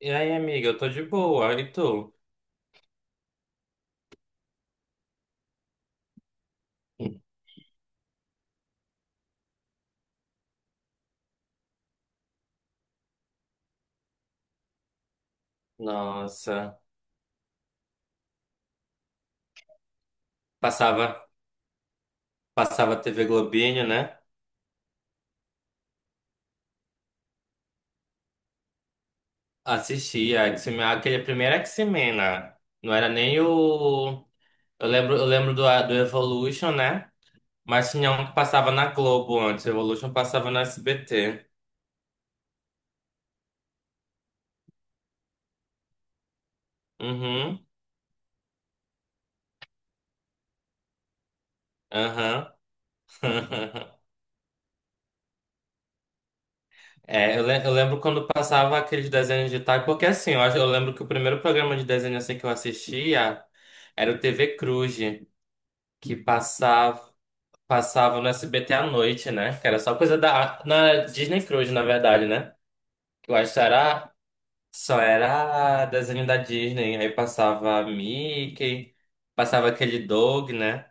E aí, amiga, eu tô de boa, e tu? Nossa, passava, passava TV Globinho, né? Assistia X-Men, aquele primeiro X-Men, né? Não era nem o. Eu lembro do Evolution, né? Mas tinha um que passava na Globo antes, Evolution passava na SBT. Uhum, aham. É, eu lembro quando passava aqueles desenhos de tarde, porque assim, eu lembro que o primeiro programa de desenho assim que eu assistia era o TV Cruz. Que passava no SBT à noite, né? Que era só coisa da na Disney Cruise, na verdade, né? Eu acho que só era desenho da Disney, aí passava Mickey, passava aquele Doug, né?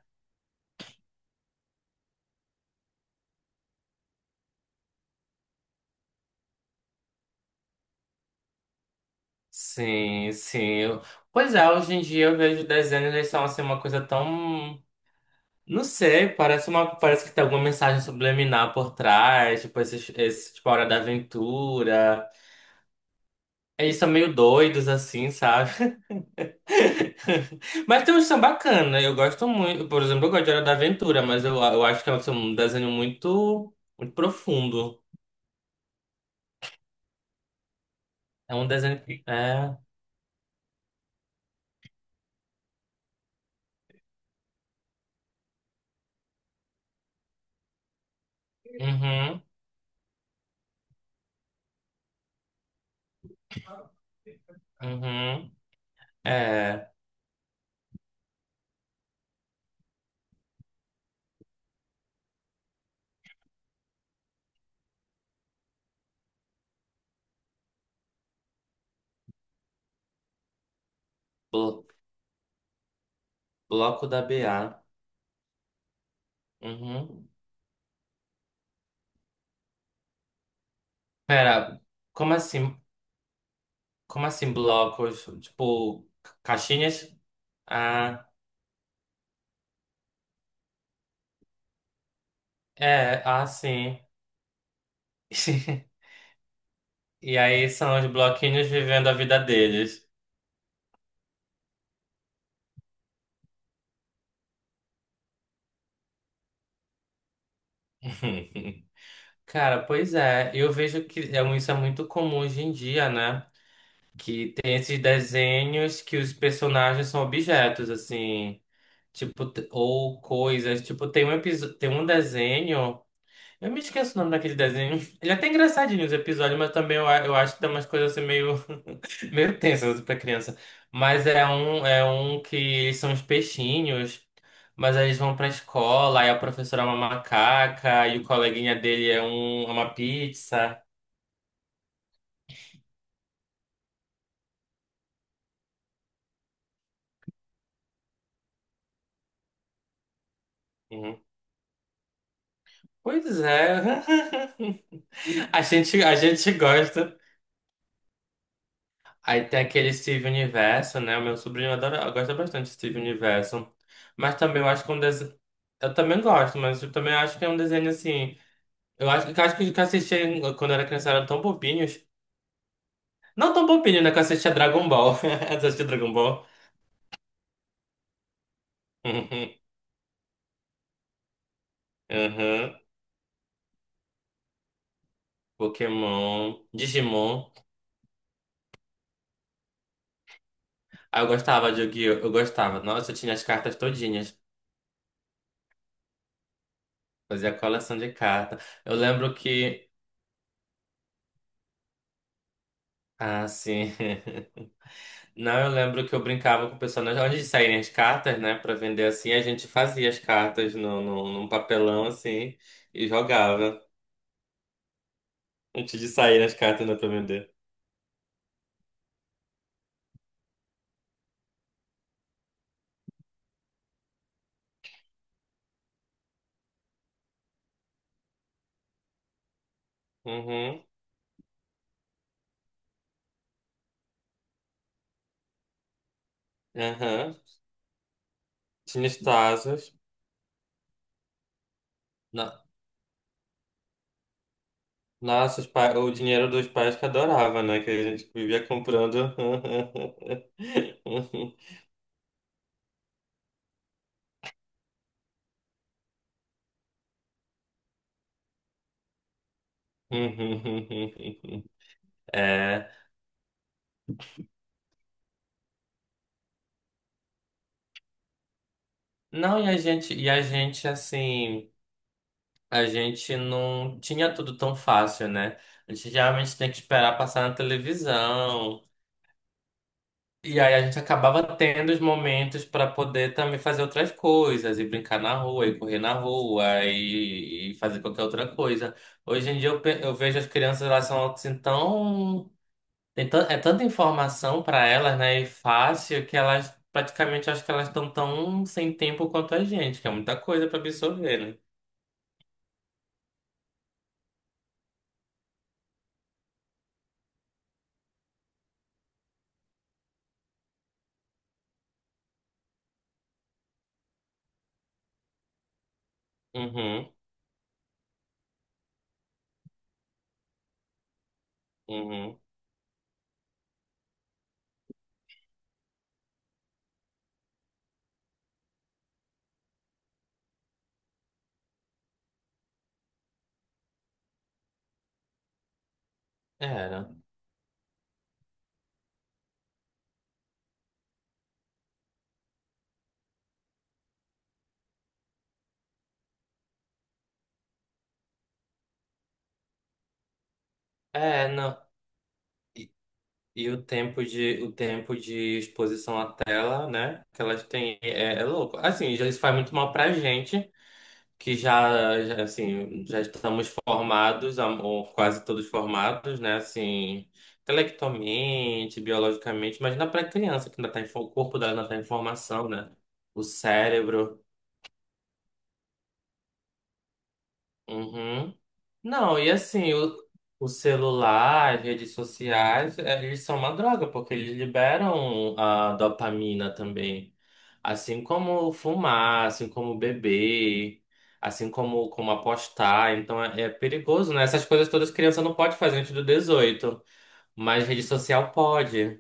Sim, sim. Pois é, hoje em dia eu vejo desenhos, eles são assim uma coisa tão. Não sei, parece uma, parece que tem alguma mensagem subliminar por trás, tipo esse tipo a Hora da Aventura. Eles são meio doidos assim, sabe? Mas tem um samba bacana, eu gosto muito. Por exemplo, eu gosto de Hora da Aventura, mas eu acho que é um desenho muito, muito profundo. É um desenho que. É. Uhum, uhum. É. blo- bloco da BA. Uhum. Pera, como assim? Como assim blocos? Tipo, caixinhas? Ah, é, ah, sim. E aí são os bloquinhos vivendo a vida deles. Cara, pois é, eu vejo que isso é muito comum hoje em dia, né? Que tem esses desenhos que os personagens são objetos, assim, tipo, ou coisas. Tipo, tem um episódio, tem um desenho, eu me esqueço o nome daquele desenho. Ele é até engraçadinho os episódios, mas também eu acho que tem umas coisas assim meio, meio tensas pra criança. Mas é um que eles são os peixinhos. Mas aí eles vão pra escola, aí a professora é uma macaca, e o coleguinha dele é uma pizza. Uhum. Pois é. A gente gosta. Aí tem aquele Steve Universo, né? O meu sobrinho adora, gosta bastante de Steve Universo. Mas também eu acho que é um desenho. Eu também gosto, mas eu também acho que é um desenho assim. Eu acho que eu assistia quando eu era criança eram tão bobinhos. Não tão bobinho, né? Que eu assistia Dragon Ball. Tu assistia Dragon Ball? Uhum. Uhum. Pokémon, Digimon. Aí eu gostava de Yu-Gi-Oh! Eu gostava. Nossa, eu tinha as cartas todinhas. Fazia coleção de carta. Eu lembro que. Ah, sim. Não, eu lembro que eu brincava com o pessoal. Nós Antes de saírem as cartas, né, pra vender assim, a gente fazia as cartas no, no, num papelão assim e jogava. Antes de saírem as cartas, né, pra vender. Uhum, aham. Tinha os tazos. No- Nossa, o dinheiro dos pais que adorava, né, que a gente vivia comprando. É. Não, e a gente assim. A gente não tinha tudo tão fácil, né? A gente geralmente tem que esperar passar na televisão. E aí a gente acabava tendo os momentos para poder também fazer outras coisas, e brincar na rua, e correr na rua, e fazer qualquer outra coisa. Hoje em dia eu vejo as crianças, elas são assim tão. É tanta informação para elas, né? E fácil, que elas praticamente acho que elas estão tão sem tempo quanto a gente, que é muita coisa para absorver, né? Uhum, uhum. Era. É, não. E, e o tempo de exposição à tela, né? Que elas têm é louco. Assim, já isso faz muito mal pra gente, que já, assim, já estamos formados, ou quase todos formados, né? Assim, intelectualmente, biologicamente, imagina pra criança que ainda tá em, o corpo dela ainda tá em formação, né? O cérebro. Uhum. Não, e assim, o celular, as redes sociais, eles são uma droga, porque eles liberam a dopamina também. Assim como fumar, assim como beber, assim como apostar. Então é perigoso, né? Essas coisas todas criança não pode fazer antes do 18, mas rede social pode.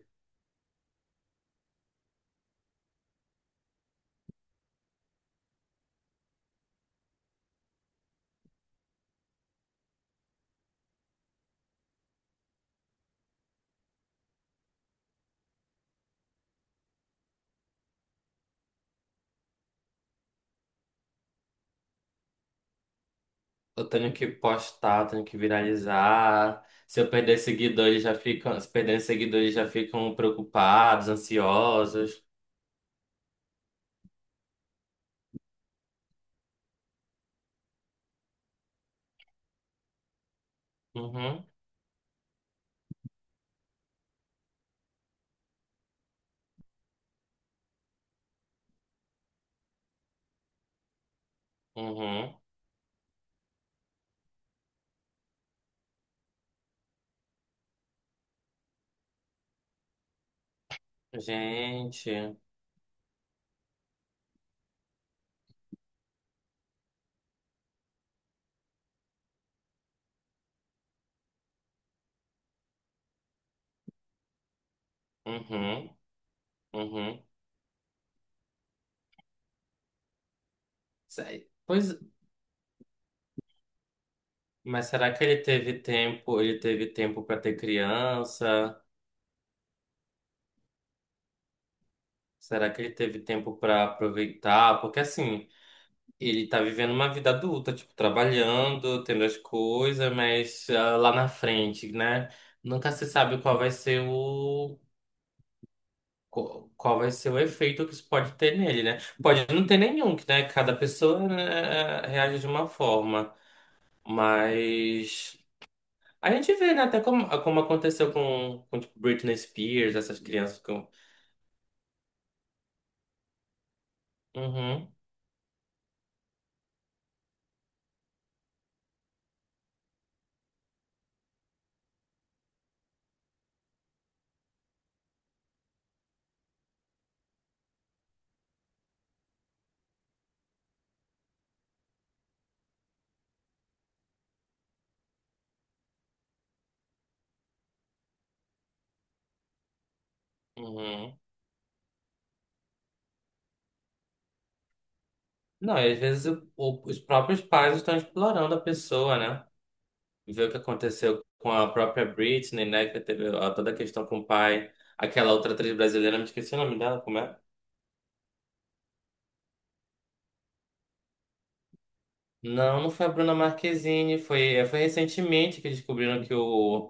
Eu tenho que postar, eu tenho que viralizar. Se eu perder seguidores, já ficam, se perderem seguidores, já ficam preocupados, ansiosos. Uhum. Uhum. Gente. Uhum. Uhum. Pois, mas será que ele teve tempo? Ele teve tempo para ter criança? Será que ele teve tempo para aproveitar? Porque assim, ele tá vivendo uma vida adulta, tipo, trabalhando, tendo as coisas, mas ah, lá na frente, né? Nunca se sabe qual vai ser o efeito que isso pode ter nele, né? Pode não ter nenhum, que né? Cada pessoa né, reage de uma forma. Mas a gente vê, né? Até como aconteceu com tipo, Britney Spears, essas crianças com. Uhum, uhum. Não, e às vezes os próprios pais estão explorando a pessoa, né? Ver o que aconteceu com a própria Britney, né? Que teve ó, toda a questão com o pai. Aquela outra atriz brasileira, me esqueci o nome dela, como é? Não, não foi a Bruna Marquezine, foi recentemente que descobriram que o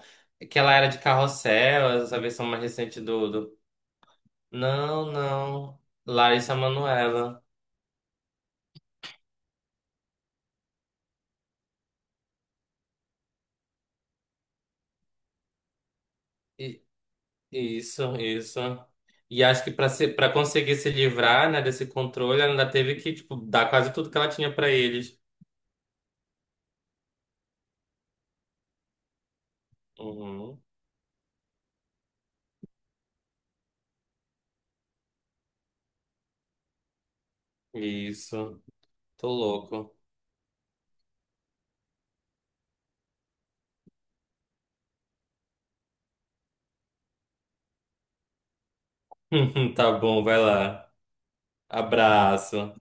que ela era de Carrossel, essa versão mais recente do. Não, não. Larissa Manoela. I- Isso, isso. E acho que para ser, para conseguir se livrar, né, desse controle, ela ainda teve que, tipo, dar quase tudo que ela tinha para eles. Uhum. Isso. Tô louco. Tá bom, vai lá. Abraço.